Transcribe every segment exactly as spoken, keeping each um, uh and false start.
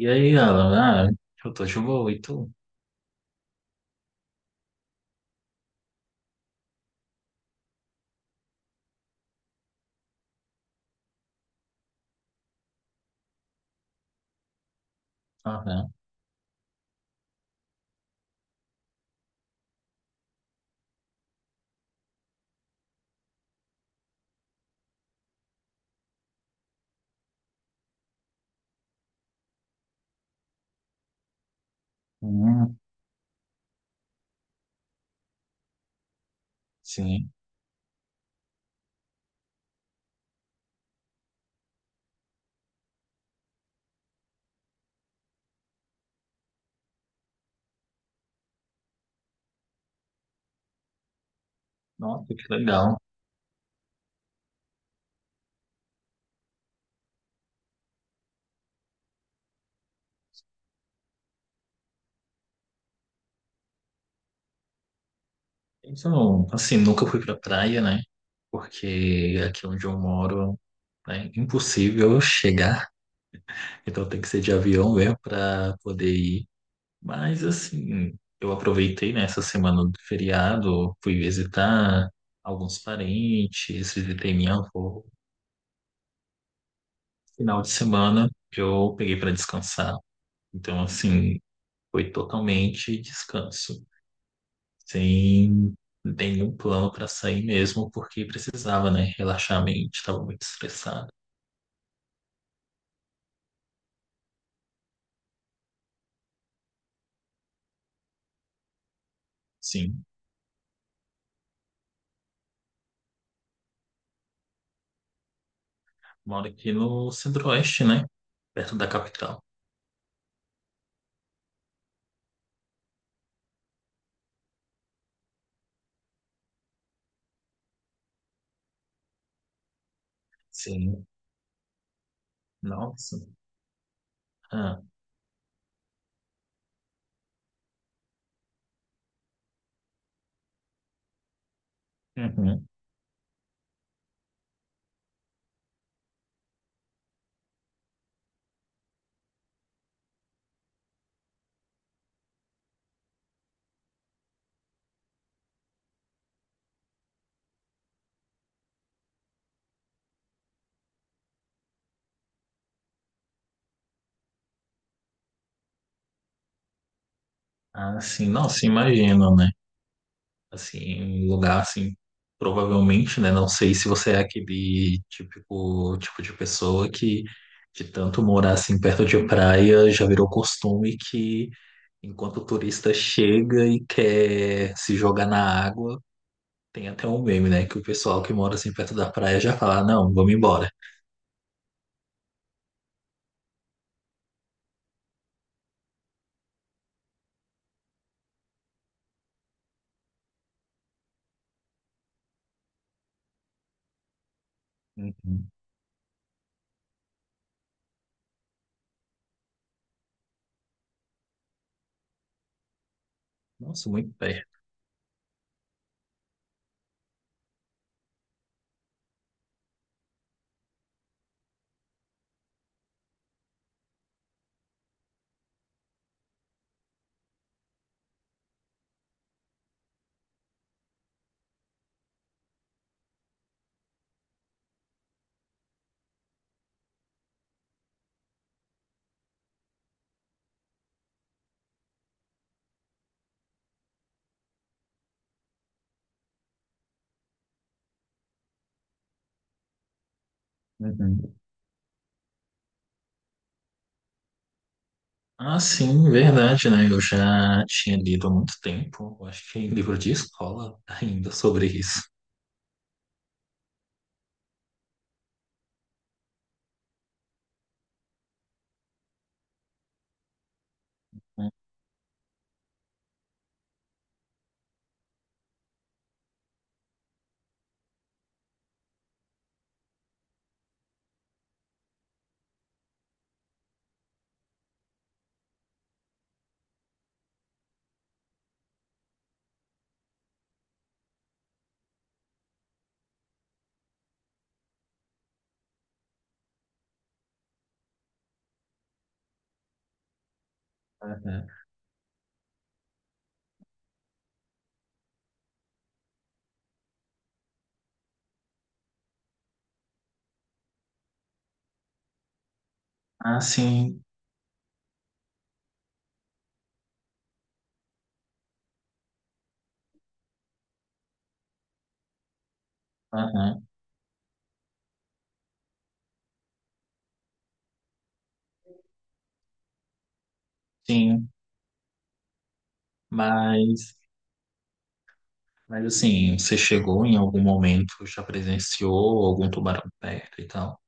E aí, Alan? Ah, eu tô de boa, e tu? Ah, né? Hum, sim. Nossa, que legal. Então, assim, nunca fui pra praia, né? Porque aqui onde eu moro é impossível eu chegar. Então tem que ser de avião mesmo pra poder ir. Mas, assim, eu aproveitei, né, essa semana do feriado, fui visitar alguns parentes, visitei minha avó. Final de semana eu peguei pra descansar. Então, assim. Foi totalmente descanso, sem nenhum plano para sair mesmo, porque precisava, né? Relaxar a mente, estava muito estressado. Sim, moro aqui no Centro-Oeste, né? Perto da capital. Sim, nossa. Ah, uhum. Ah, sim, nossa, imagino, né? Assim, um lugar assim, provavelmente, né? Não sei se você é aquele típico tipo de pessoa que, de tanto morar assim perto de praia, já virou costume que enquanto o turista chega e quer se jogar na água, tem até um meme, né? Que o pessoal que mora assim perto da praia já fala, não, vamos embora. Uhum. Nossa, muito perto. Uhum. Ah, sim, verdade, né? Eu já tinha lido há muito tempo, eu acho que em livro de escola ainda sobre isso. Uhum. Ah, sim, uhum. Sim, mas, mas assim, você chegou em algum momento, já presenciou algum tubarão perto e tal?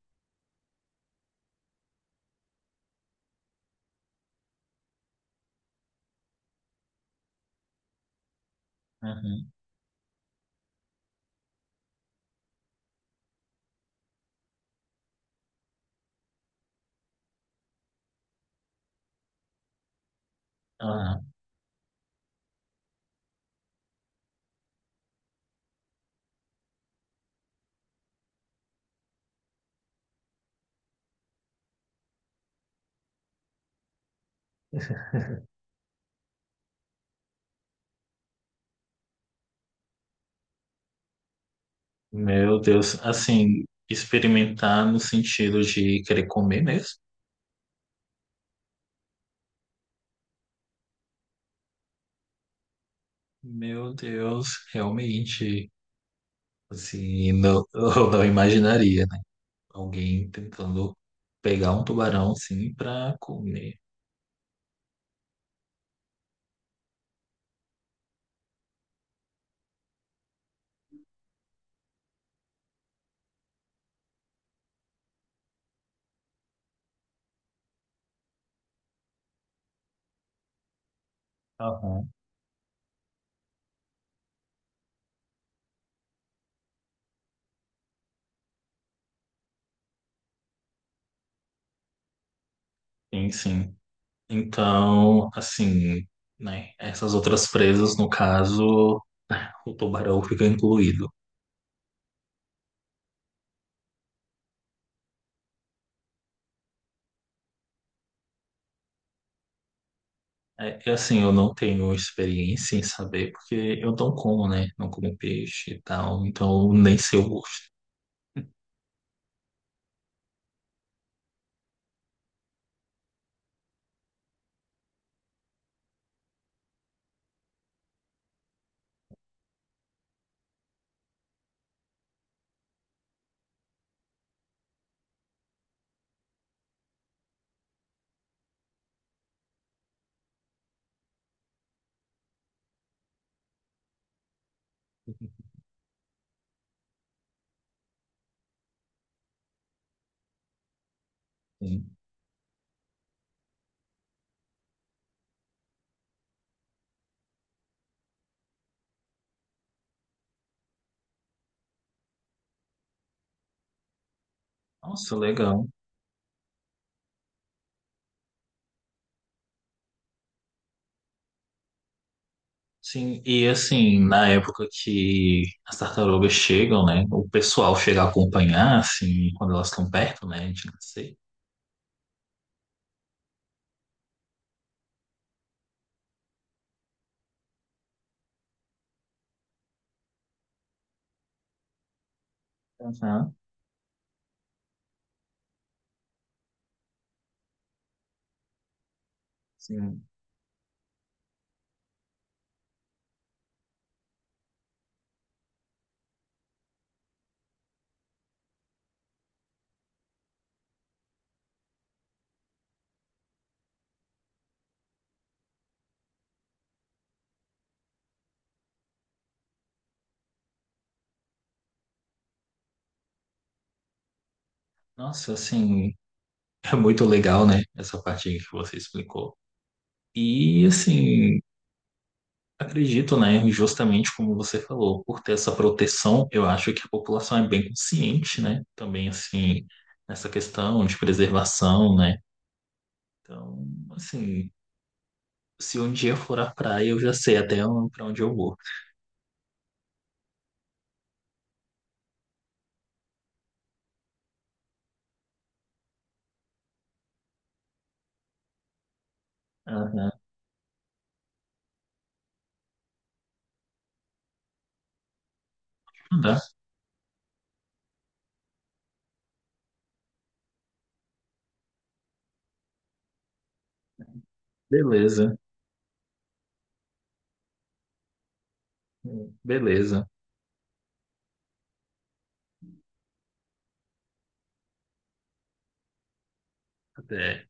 Uhum. Meu Deus, assim, experimentar no sentido de querer comer mesmo? Meu Deus, realmente, assim, não, eu não imaginaria, né? Alguém tentando pegar um tubarão, assim, pra comer. Aham. Sim, sim. Então, assim, né? Essas outras presas, no caso, o tubarão fica incluído. É, que assim, eu não tenho experiência em saber, porque eu não como, né? Não como peixe e tal, então nem sei o gosto. Sim. Nossa, legal. Sim, e assim, na época que as tartarugas chegam, né? O pessoal chega a acompanhar, assim, quando elas estão perto, né? A gente não sei. Aham, sim. Nossa, assim, é muito legal, né? Essa parte aí que você explicou. E assim. Acredito, né? E justamente como você falou, por ter essa proteção, eu acho que a população é bem consciente, né? Também, assim, nessa questão de preservação, né? Então, assim, se um dia eu for à praia, eu já sei até para onde eu vou. Aham. Tá. Beleza. Beleza. Até.